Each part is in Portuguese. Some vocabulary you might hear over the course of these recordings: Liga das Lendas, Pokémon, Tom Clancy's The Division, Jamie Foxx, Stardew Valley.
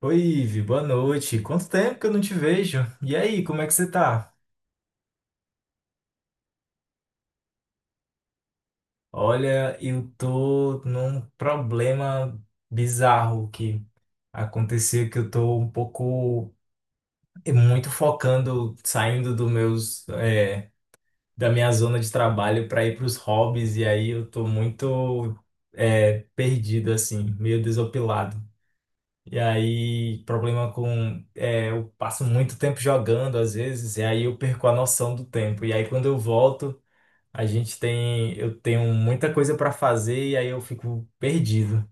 Oi, Ivi, boa noite. Quanto tempo que eu não te vejo? E aí, como é que você tá? Olha, eu tô num problema bizarro que aconteceu, que eu tô um pouco, muito focando, saindo do meus, da minha zona de trabalho para ir para os hobbies, e aí eu tô muito, perdido, assim, meio desopilado. E aí, problema com. Eu passo muito tempo jogando, às vezes, e aí eu perco a noção do tempo. E aí, quando eu volto, a gente tem. Eu tenho muita coisa para fazer, e aí eu fico perdido.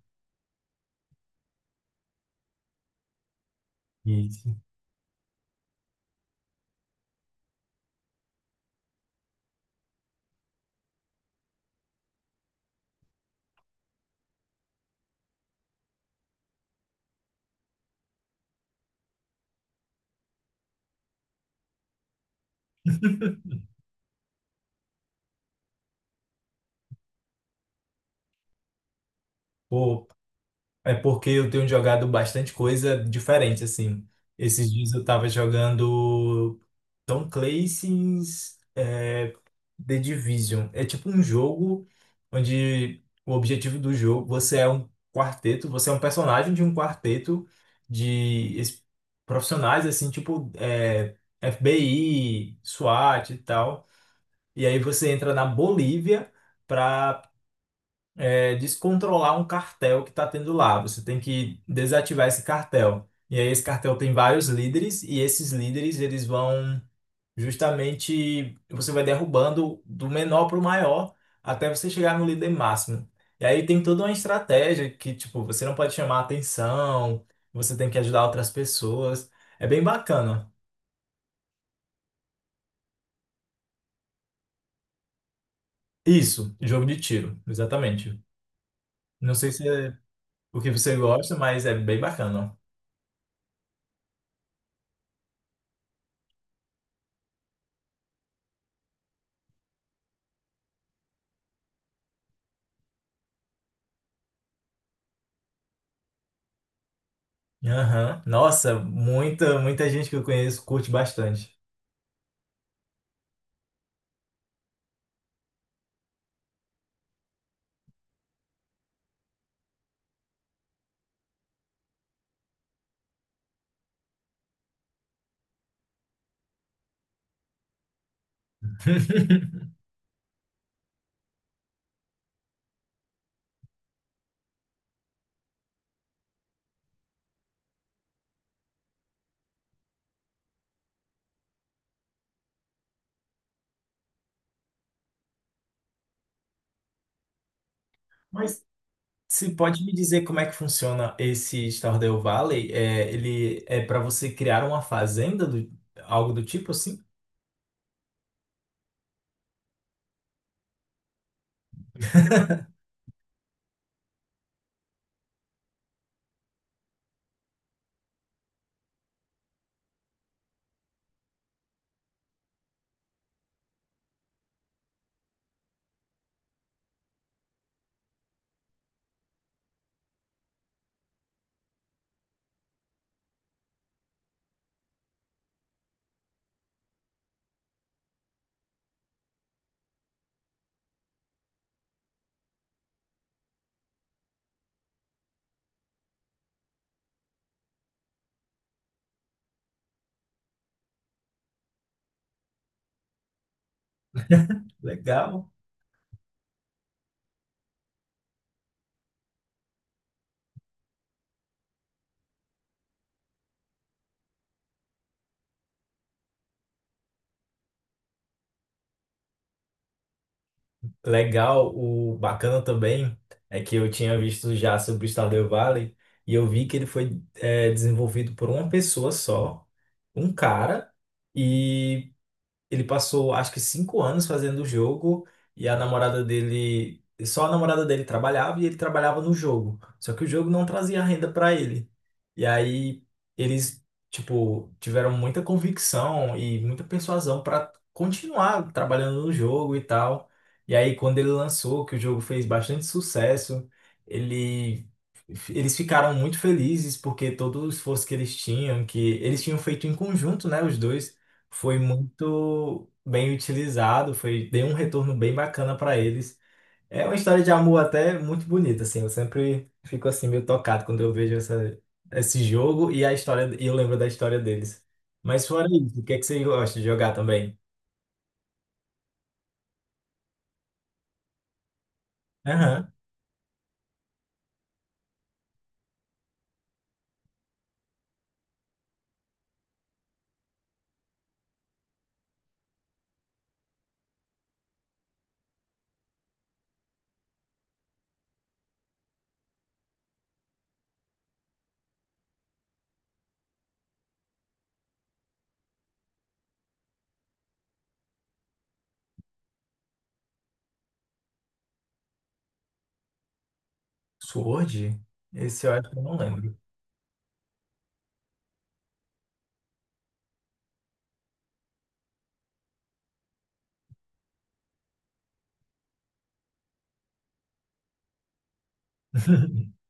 E, pô, É porque eu tenho jogado bastante coisa diferente, assim. Esses dias eu tava jogando Tom Clancy's The Division. É tipo um jogo onde o objetivo do jogo, você é um quarteto, você é um personagem de um quarteto de es- profissionais, assim, FBI, SWAT e tal. E aí você entra na Bolívia para descontrolar um cartel que está tendo lá. Você tem que desativar esse cartel. E aí esse cartel tem vários líderes e esses líderes eles vão justamente você vai derrubando do menor para o maior até você chegar no líder máximo. E aí tem toda uma estratégia que tipo você não pode chamar atenção, você tem que ajudar outras pessoas. É bem bacana. Isso, jogo de tiro, exatamente. Não sei se é o que você gosta, mas é bem bacana. Aham. Nossa, muita gente que eu conheço curte bastante. Mas você pode me dizer como é que funciona esse Stardew Valley? É, ele é para você criar uma fazenda, do, algo do tipo assim? Legal. Legal. O bacana também é que eu tinha visto já sobre o Stardew Valley e eu vi que ele foi, é, desenvolvido por uma pessoa só, um cara. E ele passou acho que 5 anos fazendo o jogo e a namorada dele, só a namorada dele trabalhava e ele trabalhava no jogo. Só que o jogo não trazia renda para ele. E aí eles, tipo, tiveram muita convicção e muita persuasão para continuar trabalhando no jogo e tal. E aí quando ele lançou, que o jogo fez bastante sucesso, ele eles ficaram muito felizes porque todo o esforço que eles tinham feito em conjunto, né, os dois, foi muito bem utilizado, foi deu um retorno bem bacana para eles. É uma história de amor até muito bonita, assim. Eu sempre fico assim meio tocado quando eu vejo essa, esse jogo e a história e eu lembro da história deles. Mas fora isso, o que é que você gosta de jogar também? Aham. Sword? Esse eu acho que eu não lembro.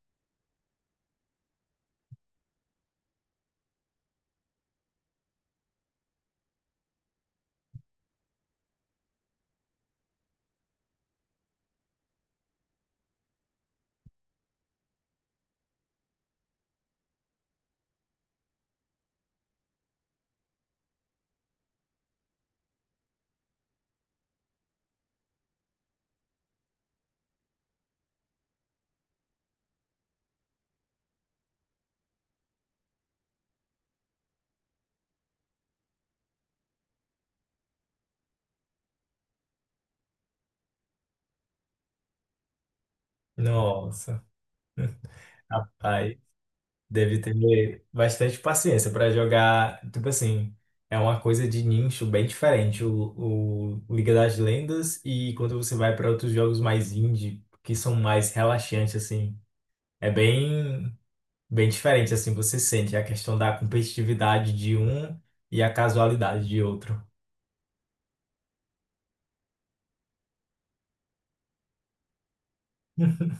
Nossa, rapaz. Deve ter bastante paciência para jogar. Tipo assim, é uma coisa de nicho bem diferente. O Liga das Lendas e quando você vai para outros jogos mais indie, que são mais relaxantes, assim, é bem, bem diferente, assim, você sente a questão da competitividade de um e a casualidade de outro.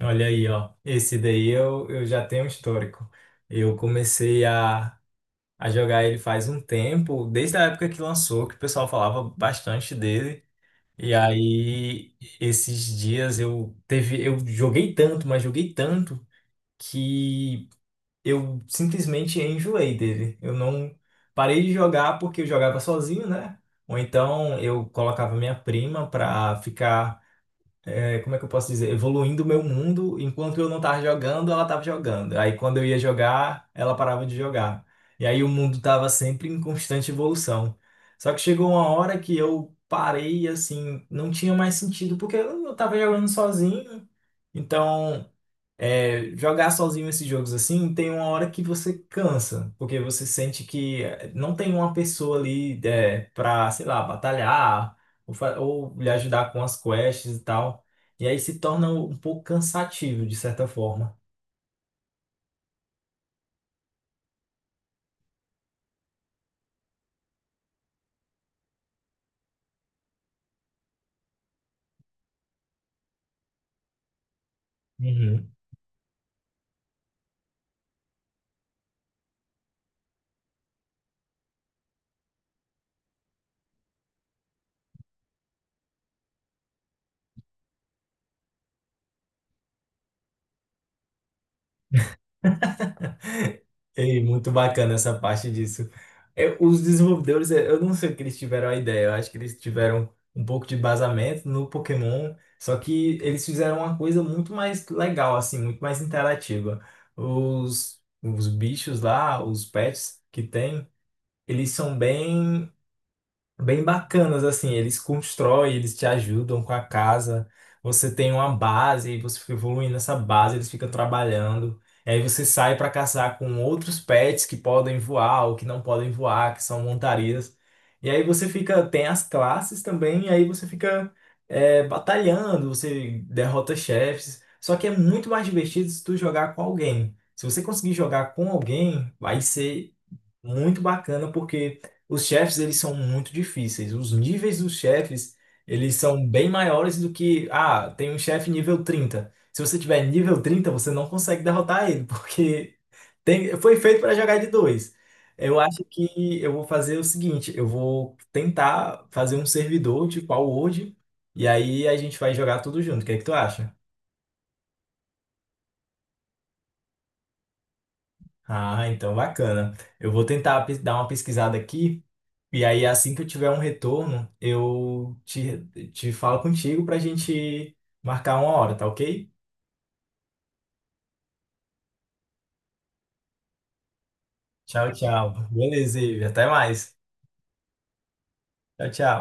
Olha aí, ó. Esse daí eu já tenho um histórico. Eu comecei a jogar ele faz um tempo, desde a época que lançou, que o pessoal falava bastante dele. E aí, esses dias eu teve, eu joguei tanto, mas joguei tanto que eu simplesmente enjoei dele. Eu não parei de jogar porque eu jogava sozinho, né? Ou então eu colocava minha prima pra ficar como é que eu posso dizer? Evoluindo o meu mundo, enquanto eu não estava jogando, ela estava jogando. Aí quando eu ia jogar, ela parava de jogar. E aí o mundo estava sempre em constante evolução. Só que chegou uma hora que eu parei, assim, não tinha mais sentido, porque eu estava jogando sozinho, então. É, jogar sozinho esses jogos assim, tem uma hora que você cansa, porque você sente que não tem uma pessoa ali pra, sei lá, batalhar ou lhe ajudar com as quests e tal. E aí se torna um pouco cansativo, de certa forma. Ei, muito bacana essa parte disso. Os desenvolvedores, eu não sei o que eles tiveram a ideia, eu acho que eles tiveram um pouco de embasamento no Pokémon, só que eles fizeram uma coisa muito mais legal, assim, muito mais interativa. Os bichos lá, os pets que tem, eles são bem bacanas, assim, eles constroem, eles te ajudam com a casa, você tem uma base, você fica evoluindo essa base, eles ficam trabalhando, e aí você sai para caçar com outros pets que podem voar ou que não podem voar, que são montarias, e aí você fica, tem as classes também, e aí você fica batalhando, você derrota chefes, só que é muito mais divertido se tu jogar com alguém. Se você conseguir jogar com alguém, vai ser muito bacana, porque os chefes, eles são muito difíceis. Os níveis dos chefes, eles são bem maiores do que, ah, tem um chefe nível 30. Se você tiver nível 30 você não consegue derrotar ele, porque tem, foi feito para jogar de 2. Eu acho que eu vou fazer o seguinte, eu vou tentar fazer um servidor tipo a World, e aí a gente vai jogar tudo junto. O que é que tu acha? Ah, então bacana. Eu vou tentar dar uma pesquisada aqui e aí assim que eu tiver um retorno, eu te, te falo contigo pra gente marcar uma hora, tá ok? Tchau, tchau. Beleza, Ivi. Até mais. Tchau, tchau.